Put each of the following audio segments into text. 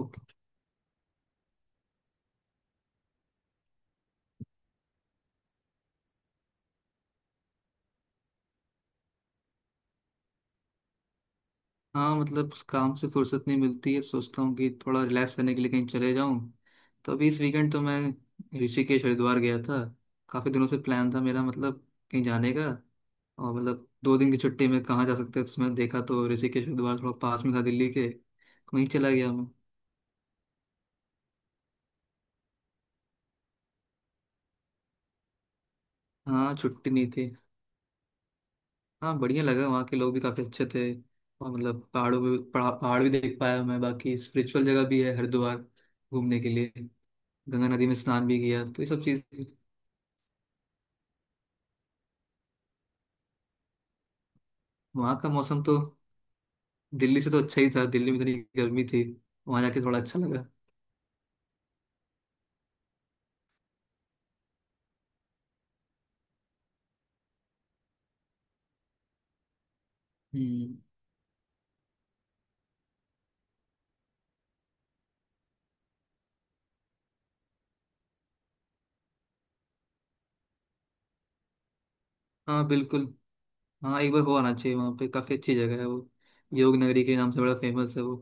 Okay. हाँ मतलब काम से फुर्सत नहीं मिलती है, सोचता हूँ कि थोड़ा रिलैक्स करने के लिए कहीं चले जाऊँ। तो अभी इस वीकेंड तो मैं ऋषिकेश हरिद्वार गया था। काफ़ी दिनों से प्लान था मेरा मतलब कहीं जाने का। और मतलब 2 दिन की छुट्टी में कहाँ जा सकते हैं, तो उसमें देखा तो ऋषिकेश हरिद्वार थोड़ा पास में था दिल्ली के, वहीं चला गया मैं। हाँ छुट्टी नहीं थी। हाँ बढ़िया लगा, वहाँ के लोग भी काफी अच्छे थे। और मतलब पहाड़ों में पहाड़ पहाड़ भी देख पाया मैं, बाकी स्पिरिचुअल जगह भी है हरिद्वार घूमने के लिए। गंगा नदी में स्नान भी किया, तो ये सब चीज। वहाँ का मौसम तो दिल्ली से तो अच्छा ही था, दिल्ली में इतनी गर्मी थी, वहाँ जाके थोड़ा अच्छा लगा। हम्म। हाँ बिल्कुल। हाँ एक बार हो आना चाहिए वहाँ पे, काफी अच्छी जगह है वो, योग नगरी के नाम से बड़ा फेमस है वो।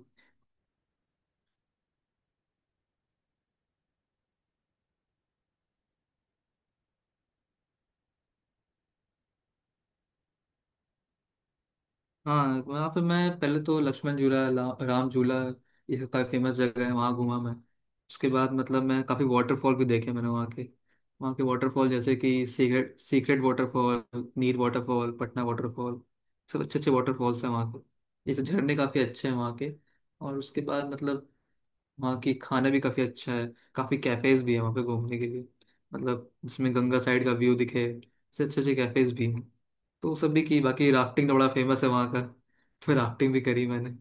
हाँ वहाँ पे मैं पहले तो लक्ष्मण झूला राम झूला, ये काफी फेमस जगह है, वहाँ घूमा मैं। उसके बाद मतलब मैं काफी वाटरफॉल भी देखे मैंने वहाँ के वाटरफॉल जैसे कि secret secret waterfall, Neer waterfall, Patna waterfall, सब अच्छे अच्छे वाटरफॉल्स हैं वहाँ के, ये तो झरने काफी अच्छे हैं वहाँ के। और उसके बाद मतलब वहाँ की खाना भी काफी अच्छा है, काफी कैफेज भी है वहाँ पे घूमने के लिए, मतलब जिसमें गंगा साइड का व्यू दिखे, इससे अच्छे अच्छे कैफेज भी हैं, तो वो सब भी की। बाकी राफ्टिंग तो बड़ा फेमस है वहाँ का, तो राफ्टिंग भी करी मैंने।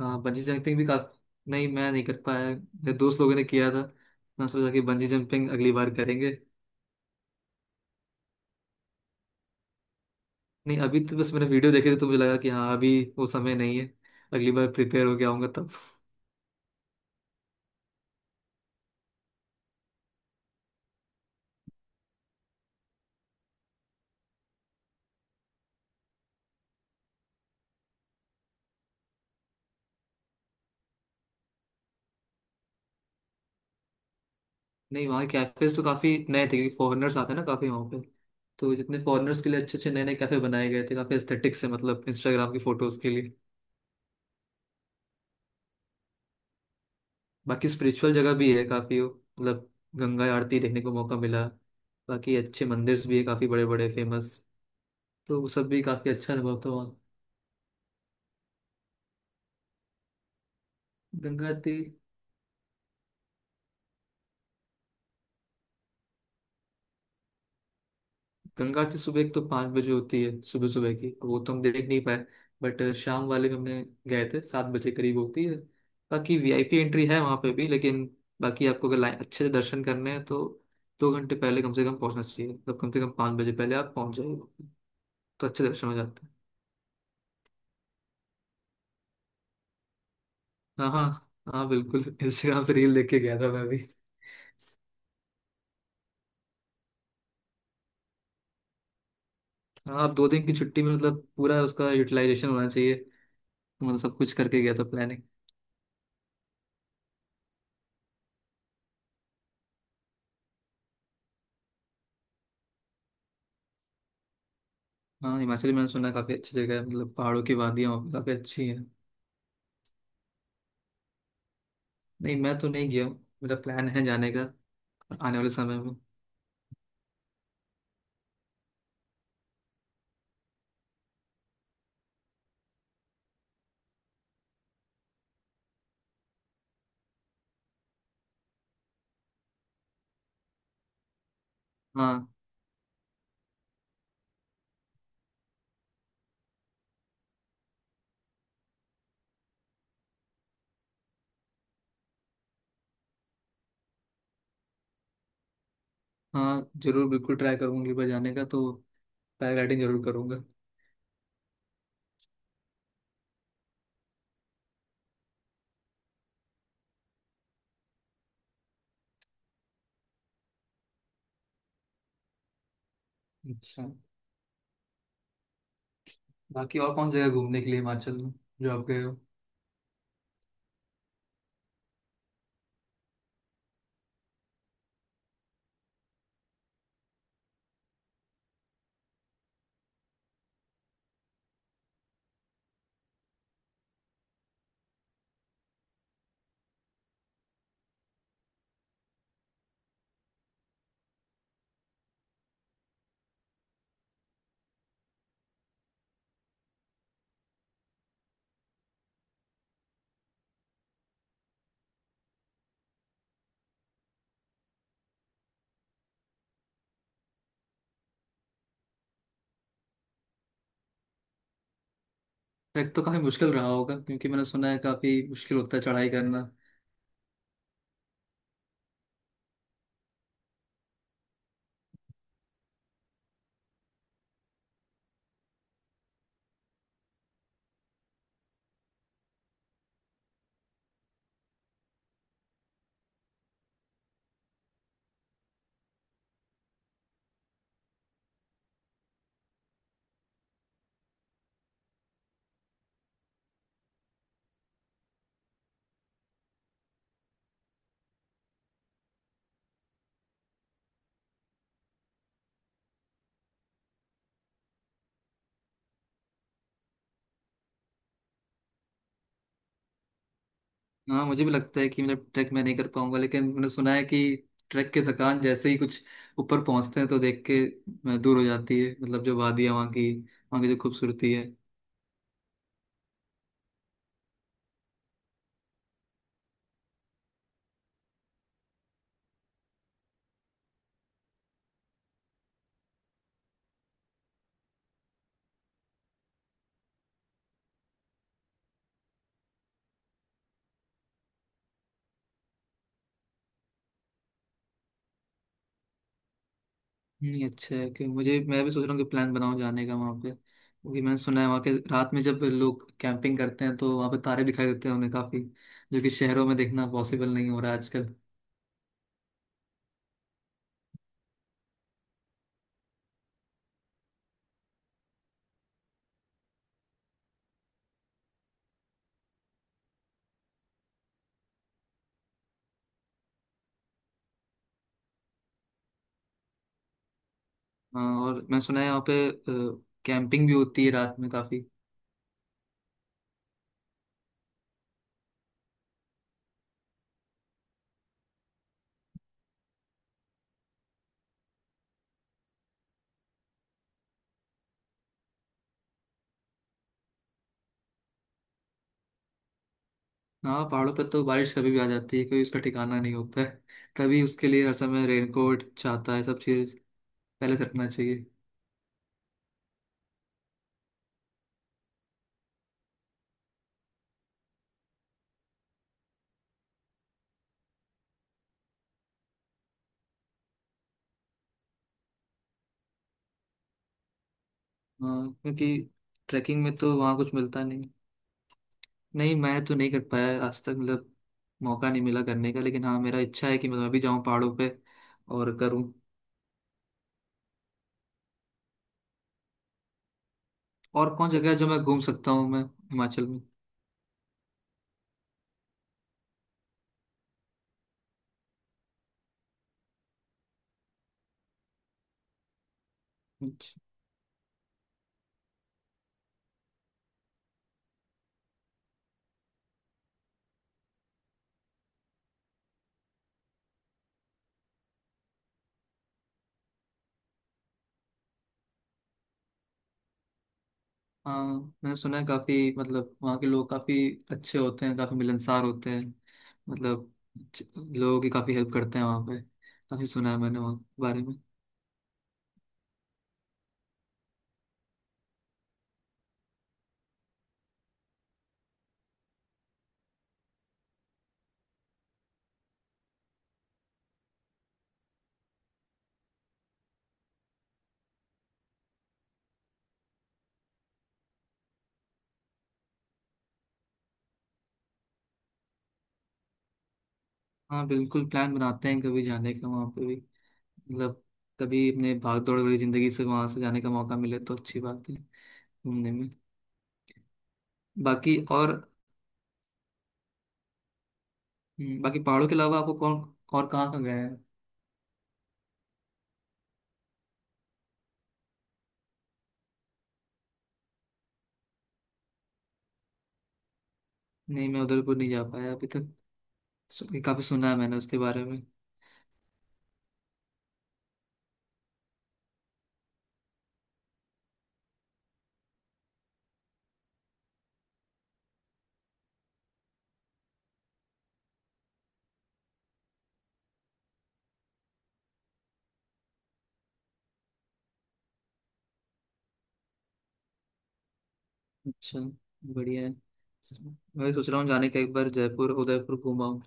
हाँ बंजी जंपिंग भी काफी नहीं, मैं नहीं कर पाया, मेरे दोस्त लोगों ने किया था। मैं सोचा कि बंजी जंपिंग अगली बार करेंगे। नहीं अभी तो बस मैंने वीडियो देखे थे, तो मुझे लगा कि हाँ अभी वो समय नहीं है, अगली बार प्रिपेयर होके आऊंगा तब। नहीं वहाँ कैफेज तो काफी नए थे, क्योंकि फॉरेनर्स आते हैं ना काफी वहाँ पे, तो जितने फॉरेनर्स के लिए अच्छे अच्छे नए नए कैफे बनाए गए थे काफी एस्थेटिक से, मतलब इंस्टाग्राम की फोटोज के लिए। बाकी स्पिरिचुअल जगह भी है काफी, मतलब गंगा आरती देखने को मौका मिला, बाकी अच्छे मंदिर्स भी है काफी बड़े बड़े फेमस, तो वो सब भी काफी अच्छा अनुभव था वहाँ। गंगा आरती, गंगा आरती सुबह एक तो 5 बजे होती है, सुबह सुबह की वो तो हम देख नहीं पाए, बट शाम वाले में हमने गए थे 7 बजे करीब होती है। बाकी वीआईपी एंट्री है वहाँ पे भी लेकिन, बाकी आपको अगर लाइन अच्छे से दर्शन करने हैं तो 2 घंटे पहले कम से कम पहुँचना चाहिए, मतलब कम से कम 5 बजे पहले आप पहुँच जाइए, तो अच्छे दर्शन हो जाते हैं। हाँ हाँ हाँ बिल्कुल। इंस्टाग्राम पे रील देख के गया था मैं भी। हाँ आप 2 दिन की छुट्टी में मतलब पूरा उसका यूटिलाइजेशन होना चाहिए, तो मतलब सब कुछ करके गया था प्लानिंग। हाँ हिमाचल मैंने सुना है काफी अच्छी जगह है, मतलब पहाड़ों की वादियाँ वहाँ पे काफी अच्छी है। नहीं मैं तो नहीं गया हूँ, मेरा प्लान है जाने का आने वाले समय में। हाँ हाँ जरूर, बिल्कुल ट्राई करूंगी पर जाने का तो, पैराग्लाइडिंग जरूर करूंगा। अच्छा, बाकी और कौन सी जगह घूमने के लिए हिमाचल में जो आप गए हो। ट्रैक तो काफी मुश्किल रहा होगा, क्योंकि मैंने सुना है काफी मुश्किल होता है चढ़ाई करना। हाँ मुझे भी लगता है कि मतलब ट्रैक मैं नहीं कर पाऊंगा, लेकिन मैंने सुना है कि ट्रैक की थकान जैसे ही कुछ ऊपर पहुंचते हैं तो देख के दूर हो जाती है, मतलब जो वादियाँ वहाँ की, वहाँ की जो खूबसूरती है। नहीं अच्छा है कि मुझे, मैं भी सोच रहा हूँ कि प्लान बनाऊँ जाने का वहाँ पे, क्योंकि मैंने सुना है वहाँ के रात में जब लोग कैंपिंग करते हैं तो वहाँ पे तारे दिखाई देते हैं उन्हें काफ़ी, जो कि शहरों में देखना पॉसिबल नहीं हो रहा है आजकल। हाँ और मैंने सुना है वहाँ पे कैंपिंग भी होती है रात में काफ़ी। हाँ पहाड़ों पर तो बारिश कभी भी आ जाती है, कोई उसका ठिकाना नहीं होता है, तभी उसके लिए हर समय रेनकोट छाता है सब चीज़ पहले से रखना चाहिए। हाँ क्योंकि ट्रैकिंग में तो वहाँ कुछ मिलता नहीं। नहीं मैं तो नहीं कर पाया है आज तक, मतलब मौका नहीं मिला करने का, लेकिन हाँ मेरा इच्छा है कि मैं भी जाऊँ पहाड़ों पे और करूँ। और कौन जगह है जो मैं घूम सकता हूँ मैं हिमाचल में। हाँ मैंने सुना है काफी, मतलब वहाँ के लोग काफी अच्छे होते हैं, काफी मिलनसार होते हैं, मतलब च- लोगों की काफी हेल्प करते हैं वहाँ पे, काफी सुना है मैंने वहाँ के बारे में। हाँ बिल्कुल प्लान बनाते हैं कभी जाने का वहाँ पे भी, मतलब कभी अपने भाग दौड़ वाली जिंदगी से वहाँ से जाने का मौका मिले तो अच्छी बात है घूमने में। बाकी और बाकी पहाड़ों के अलावा आपको कौन, और कहाँ कहाँ गए हैं। नहीं मैं उदयपुर नहीं जा पाया अभी तक, काफी सुना है मैंने उसके बारे में। अच्छा, बढ़िया है, मैं भी सोच रहा हूँ जाने का एक बार जयपुर उदयपुर घुमाऊँ।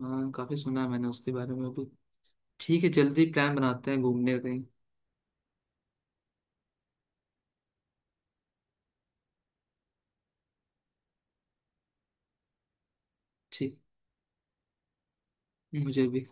हाँ काफी सुना है मैंने उसके बारे में भी। ठीक है जल्दी प्लान बनाते हैं घूमने का कहीं। ठीक, मुझे भी।